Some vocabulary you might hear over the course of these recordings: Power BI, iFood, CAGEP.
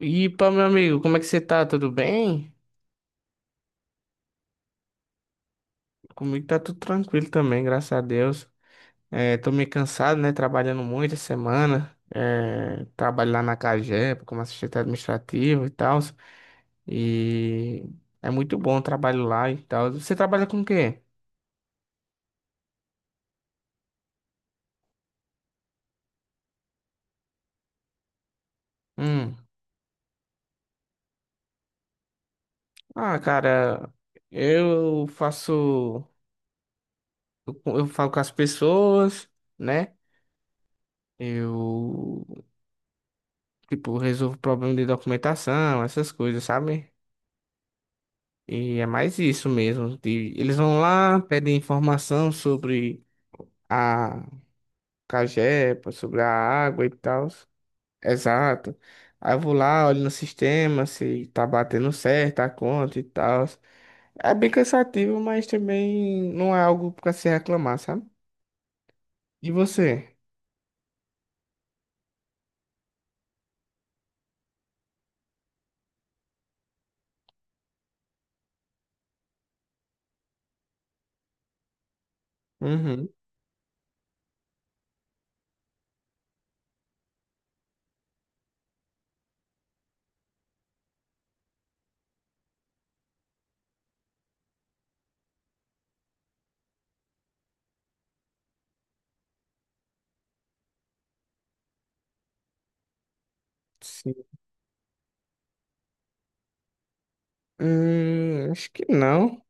E pá, meu amigo, como é que você tá? Tudo bem? Comigo tá tudo tranquilo também, graças a Deus. Tô meio cansado, né? Trabalhando muito essa semana. É, trabalho lá na CAGEP como assistente administrativo e tal. E é muito bom o trabalho lá e tal. Você trabalha com o quê? Hum. Ah, cara, eu faço. Eu falo com as pessoas, né? Eu, tipo, resolvo problema de documentação, essas coisas, sabe? E é mais isso mesmo. Eles vão lá, pedem informação sobre a cagepa, sobre a água e tal. Exato. Aí eu vou lá, olho no sistema se tá batendo certo a conta e tal. É bem cansativo, mas também não é algo pra se reclamar, sabe? E você? Uhum. Sim. Acho que não.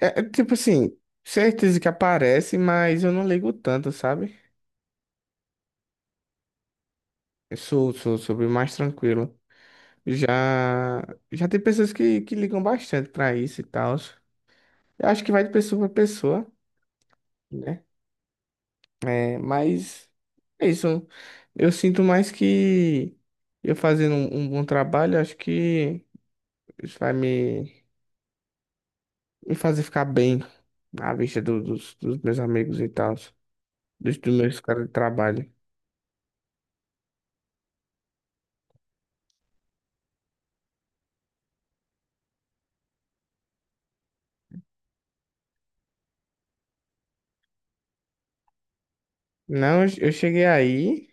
É tipo assim, certeza que aparece, mas eu não ligo tanto, sabe? Eu sou, sou bem mais tranquilo. Já, já tem pessoas que ligam bastante pra isso e tal. Eu acho que vai de pessoa pra pessoa, né? É, mas é isso. Eu sinto mais que eu fazendo um bom trabalho, acho que isso me fazer ficar bem à vista dos, dos meus amigos e tal, dos, dos meus caras de trabalho. Não, eu cheguei aí,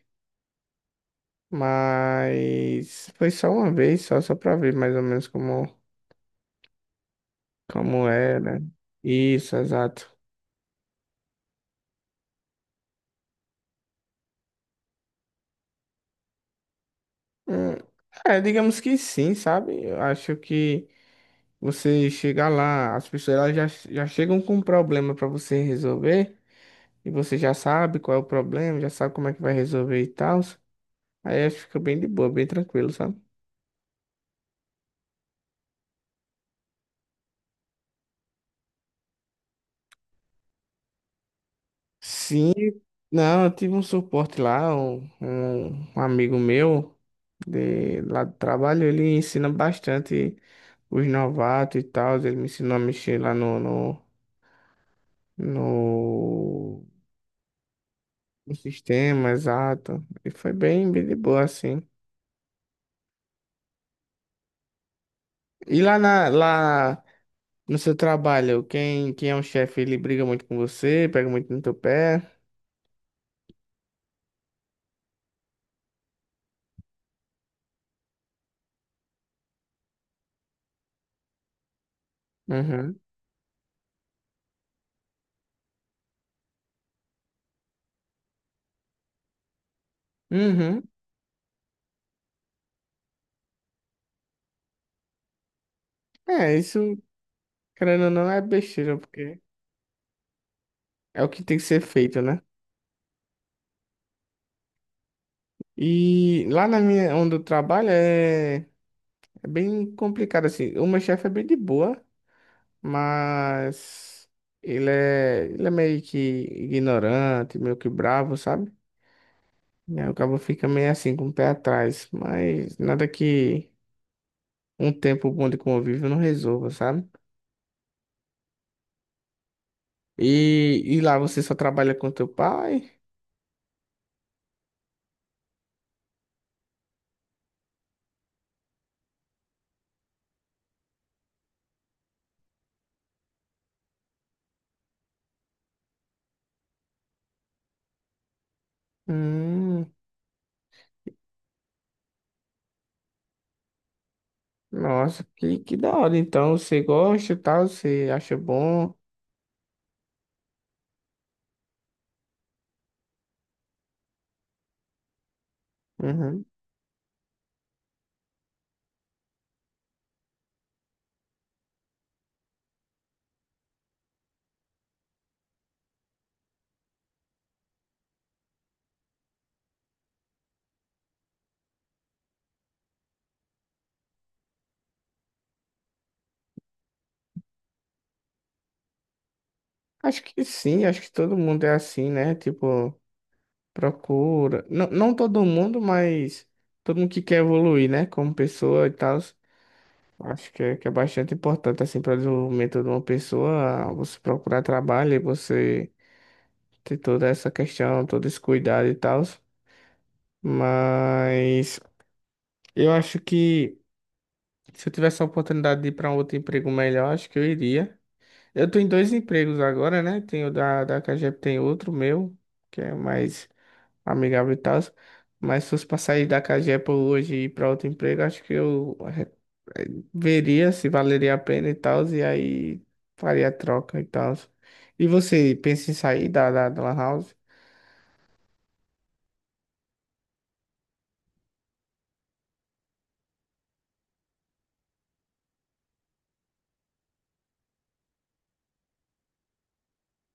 mas foi só uma vez, só pra ver mais ou menos como, como era. Isso, exato. Hum, É, digamos que sim, sabe? Eu acho que você chegar lá, as pessoas elas já, já chegam com um problema pra você resolver, e você já sabe qual é o problema, já sabe como é que vai resolver e tal. Aí acho que fica bem de boa, bem tranquilo, sabe? Sim, não, eu tive um suporte lá, um amigo meu de lá do trabalho, ele ensina bastante os novatos e tal, ele me ensinou a mexer lá no o sistema, exato. E foi bem, bem de boa, assim. E lá, lá no seu trabalho, quem, quem é o chefe, ele briga muito com você, pega muito no teu pé. Uhum. Uhum. É, isso, querendo ou não, é besteira, porque é o que tem que ser feito, né? E lá na minha, onde eu trabalho, é, é bem complicado, assim. O meu chefe é bem de boa, mas ele é meio que ignorante, meio que bravo, sabe? E aí o cabo fica meio assim, com o pé atrás. Mas nada que um tempo bom de convívio não resolva, sabe? E lá você só trabalha com teu pai? Hum, nossa, que da hora. Então você gosta e tal, você acha bom? Uhum. Acho que sim, acho que todo mundo é assim, né? Tipo, procura. Não, não todo mundo, mas todo mundo que quer evoluir, né? Como pessoa e tal. Acho que é bastante importante, assim, para o desenvolvimento de uma pessoa, você procurar trabalho e você ter toda essa questão, todo esse cuidado e tal. Mas eu acho que se eu tivesse a oportunidade de ir para um outro emprego melhor, acho que eu iria. Eu tô em dois empregos agora, né? Tem o da Cagep, tem outro meu, que é mais amigável e tal. Mas se fosse para sair da Cagep hoje e ir para outro emprego, acho que eu veria se valeria a pena e tal, e aí faria a troca e tal. E você pensa em sair da Lan House?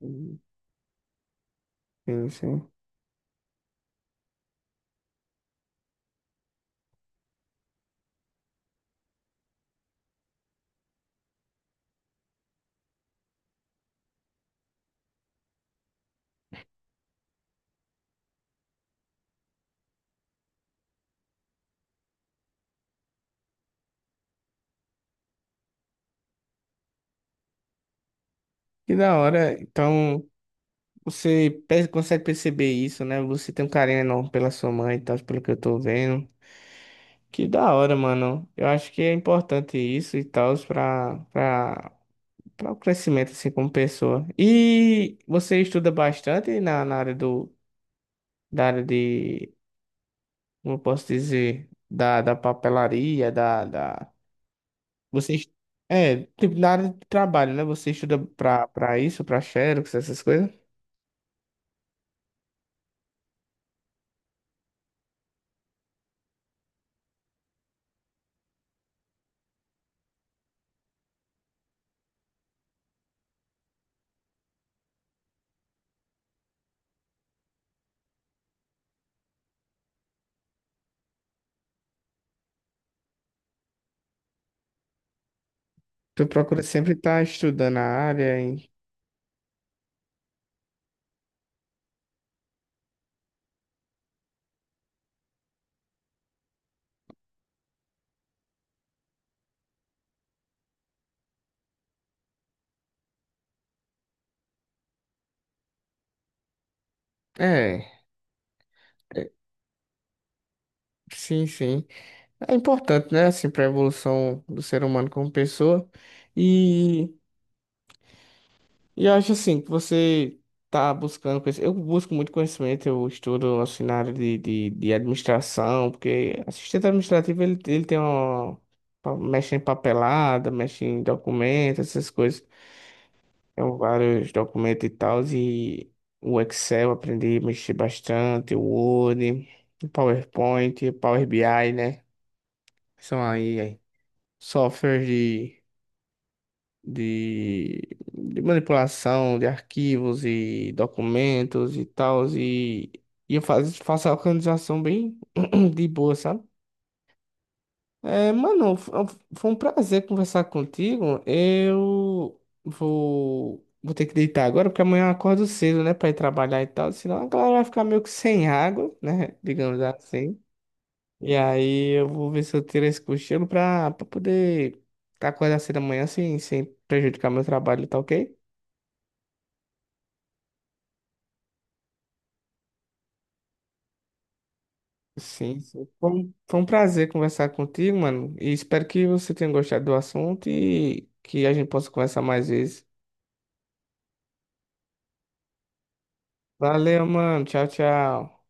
Hum, Sim, sim. Que da hora. Então, consegue perceber isso, né? Você tem um carinho enorme pela sua mãe e tal, pelo que eu tô vendo. Que da hora, mano. Eu acho que é importante isso e tal, pra o crescimento, assim, como pessoa. E você estuda bastante na área da área de como eu posso dizer, da papelaria, da, da... Você... est- É, tipo, na área de trabalho, né? Você estuda pra isso, pra Xerox, essas coisas? Tu procura sempre estar estudando a área e... É, é, sim, sim. É importante, né? Assim, pra evolução do ser humano como pessoa. E... E eu acho assim que você tá buscando conhecimento. Eu busco muito conhecimento, eu estudo assim, na área de administração, porque assistente administrativo ele tem uma. Mexe em papelada, mexe em documentos, essas coisas. Tem vários documentos e tal, e o Excel eu aprendi a mexer bastante, o Word, o PowerPoint, o Power BI, né? Aí softwares de, de manipulação de arquivos e documentos e tal, e faço a organização bem de boa, sabe? É, mano, foi um prazer conversar contigo. Vou ter que deitar agora, porque amanhã eu acordo cedo, né, pra ir trabalhar e tal, senão a galera vai ficar meio que sem água, né, digamos assim. E aí eu vou ver se eu tiro esse cochilo pra poder acordar cedo amanhã sem prejudicar meu trabalho, tá ok? Sim, sim. Foi um prazer conversar contigo, mano. E espero que você tenha gostado do assunto e que a gente possa conversar mais vezes. Valeu, mano. Tchau, tchau.